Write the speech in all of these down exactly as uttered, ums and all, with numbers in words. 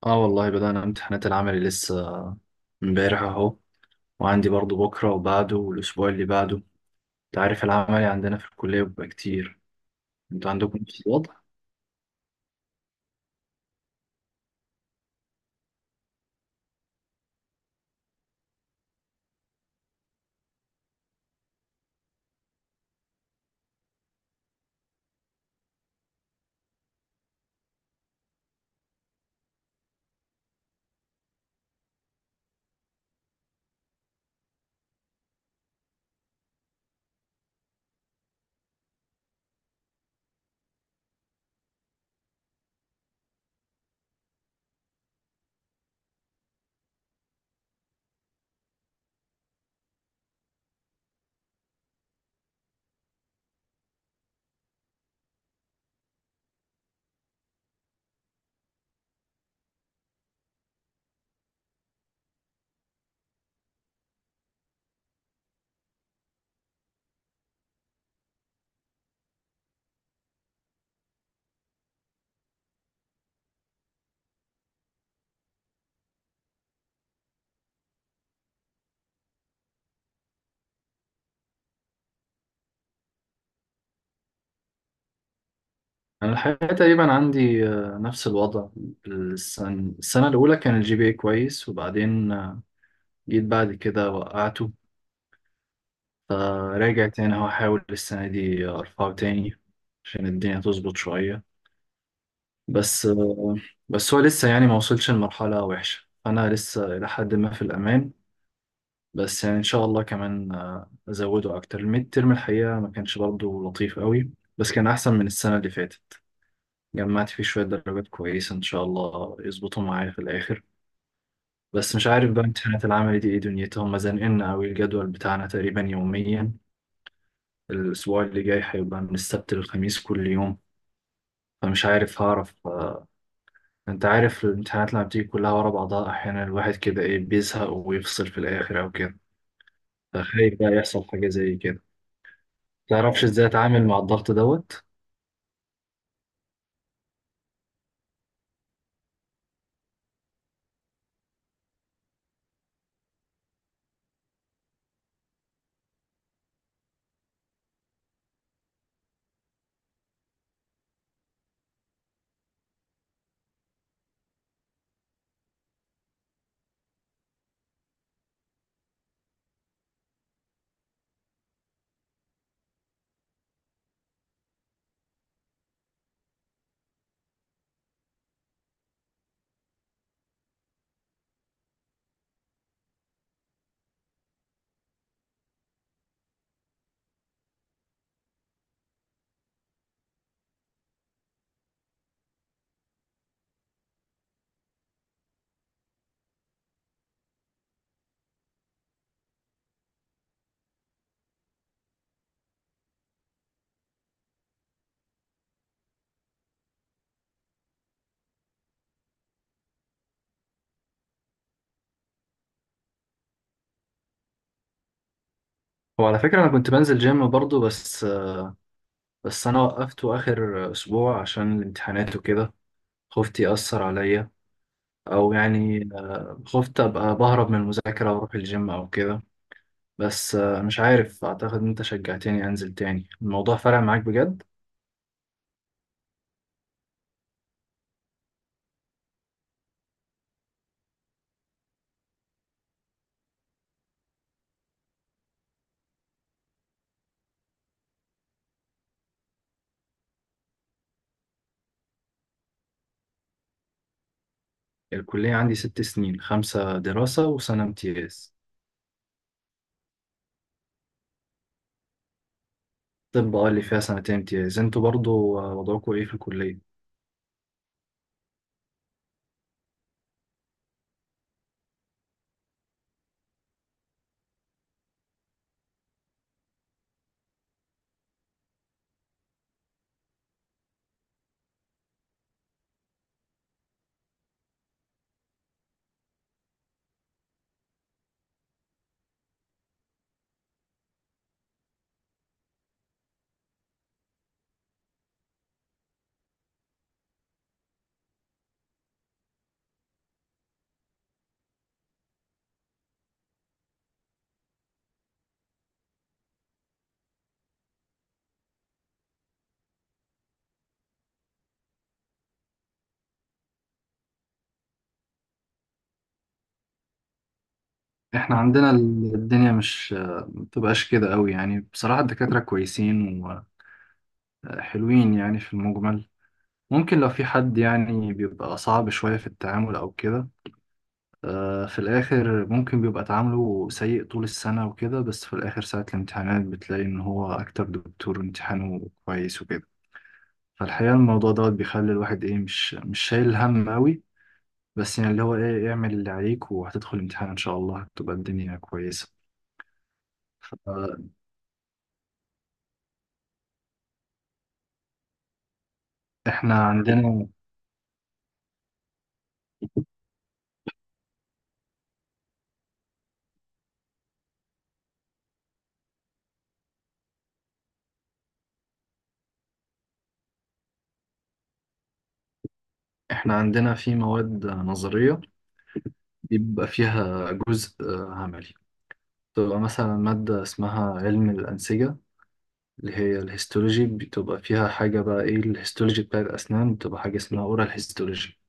اه والله بدأنا امتحانات العمل لسه امبارح اهو، وعندي برضو بكرة وبعده والأسبوع اللي بعده. انت عارف العملي عندنا في الكلية بيبقى كتير. انتوا عندكم نفس الوضع؟ أنا الحقيقة تقريبا عندي آه، نفس الوضع. السنة, السنة الأولى كان الجي بي اي كويس، وبعدين آه، جيت بعد كده وقعته، فراجع تاني اهو أحاول السنة دي أرفعه تاني عشان الدنيا تظبط شوية. بس آه، بس هو لسه يعني ما وصلش لمرحلة وحشة، أنا لسه إلى حد ما في الأمان. بس يعني ان شاء الله كمان آه، ازوده اكتر. الميد ترم الحقيقه ما كانش برضه لطيف قوي، بس كان احسن من السنه اللي فاتت. جمعت فيه شويه درجات كويسه ان شاء الله يظبطوا معايا في الاخر. بس مش عارف بقى امتحانات العمل دي ايه دنيتها. هم زنقلنا قوي، الجدول بتاعنا تقريبا يوميا. الاسبوع اللي جاي هيبقى من السبت للخميس كل يوم، فمش عارف هعرف آه، انت عارف الامتحانات لما بتيجي كلها ورا بعضها احيانا الواحد كده ايه بيزهق ويفصل في الاخر او كده. فخايف بقى يحصل حاجه زي كده. تعرفش ازاي اتعامل مع الضغط دوت. وعلى فكرة انا كنت بنزل جيم برضو، بس بس انا وقفته اخر اسبوع عشان الامتحانات وكده، خفت يأثر عليا او يعني خفت ابقى بهرب من المذاكرة واروح الجيم او كده. بس مش عارف، اعتقد ان انت شجعتني انزل تاني، الموضوع فرق معاك بجد. الكلية عندي ست سنين، خمسة دراسة وسنة امتياز. طب اه، اللي فيها سنتين امتياز انتوا برضو وضعكم ايه في الكلية؟ احنا عندنا ال- الدنيا مش آه، ما بتبقاش كده قوي. يعني بصراحة الدكاترة كويسين وحلوين يعني في المجمل. ممكن لو في حد يعني بيبقى صعب شوية في التعامل أو كده، آه، في الآخر ممكن بيبقى تعامله سيء طول السنة وكده، بس في الآخر ساعة الامتحانات بتلاقي إن هو أكتر دكتور امتحانه كويس وكده. فالحقيقة الموضوع دوت بيخلي الواحد إيه، مش مش شايل هم قوي. بس يعني اللي هو إيه، اعمل اللي عليك وهتدخل امتحان إن شاء الله هتبقى الدنيا كويسة. آه، احنا عندنا احنا عندنا في مواد نظرية بيبقى فيها جزء آه، عملي. بتبقى مثلا مادة اسمها علم الأنسجة، اللي هي الهيستولوجي. بتبقى فيها حاجة بقى ايه، الهيستولوجي بتاع الأسنان بتبقى حاجة اسمها اورال هيستولوجي.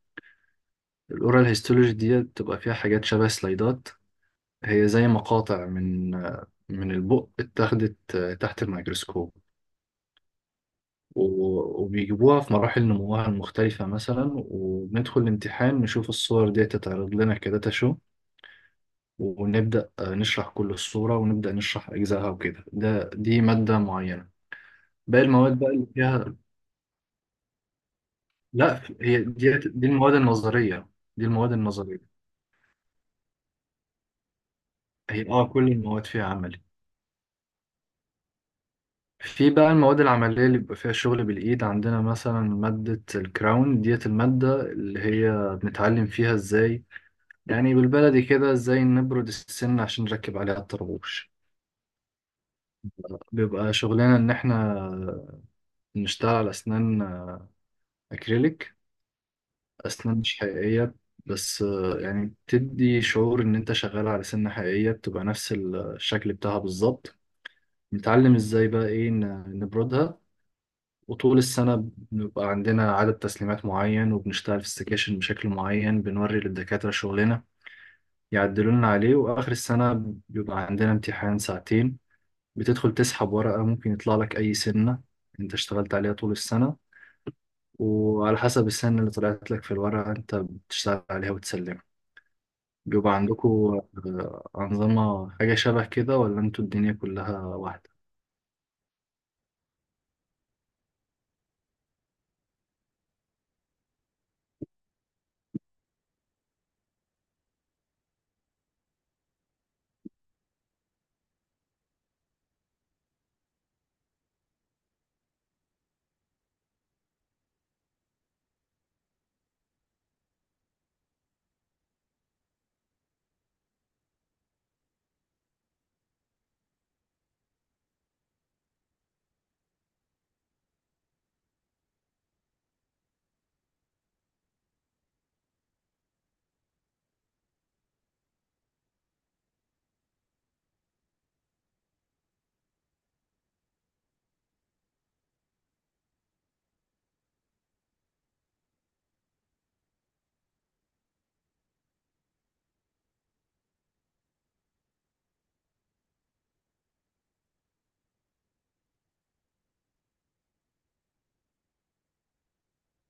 الاورال هيستولوجي دي بتبقى فيها حاجات شبه سلايدات. هي زي مقاطع من آه، من البق اتاخدت آه، تحت الميكروسكوب. و- وبيجيبوها في مراحل نموها المختلفة مثلا، وبندخل الامتحان نشوف الصور دي تتعرض لنا كداتا شو، ونبدأ آه، نشرح كل الصورة، ونبدأ نشرح أجزائها وكده. ده دي مادة معينة. باقي المواد بقى اللي فيها، لا، هي دي دي المواد النظرية. دي المواد النظرية. هي اه كل المواد فيها عملي. في بقى المواد العملية اللي بيبقى فيها شغل بالإيد. عندنا مثلا مادة الكراون ديت، المادة اللي هي بنتعلم فيها ازاي، يعني بالبلدي كده، ازاي نبرد السن عشان نركب عليها الطربوش. بيبقى شغلنا ان احنا نشتغل على اسنان اكريليك، أسنان مش حقيقية، بس آه، يعني بتدي شعور إن أنت شغال على سنة حقيقية، بتبقى نفس الشكل بتاعها بالظبط. بنتعلم إزاي بقى إيه ن- نبردها. وطول السنة بنبقى عندنا عدد تسليمات معين، وبنشتغل في السكاشن بشكل معين، بنوري للدكاترة شغلنا، يعدلولنا عليه. وآخر السنة بيبقى عندنا امتحان ساعتين، بتدخل تسحب ورقة، ممكن يطلع لك أي سنة أنت اشتغلت عليها طول السنة، وعلى حسب السنة اللي طلعت لك في الورقة أنت بتشتغل عليها وتسلمها. بيبقى عندكم آه، أنظمة حاجة شبه كده، ولا انتوا الدنيا كلها واحدة؟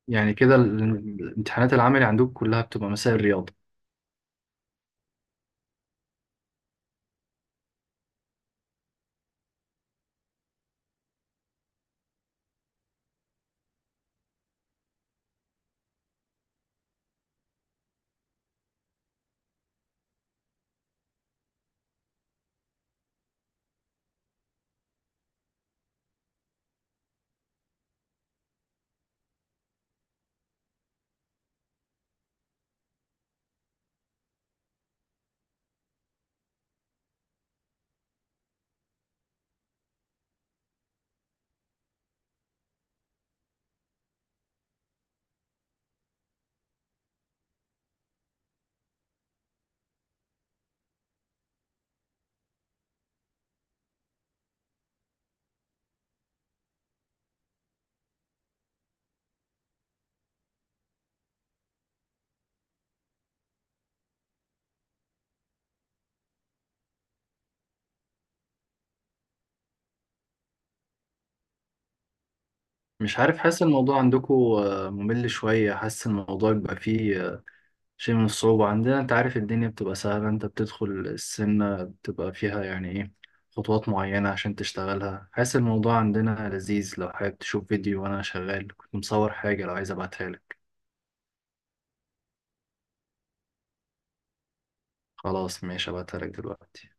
يعني كده ال- الامتحانات العملي عندكم كلها بتبقى مسائل رياضة؟ مش عارف، حاسس الموضوع عندكم آه، ممل شوية، حاسس الموضوع بيبقى فيه آه، شيء من الصعوبة. عندنا انت عارف الدنيا بتبقى سهلة، انت بتدخل السنة بتبقى فيها يعني ايه، خطوات معينة عشان تشتغلها. حاسس الموضوع عندنا لذيذ. لو حابب تشوف فيديو، وأنا شغال كنت مصور حاجة، لو عايز أبعتها لك. خلاص ماشي، أبعتها لك دلوقتي.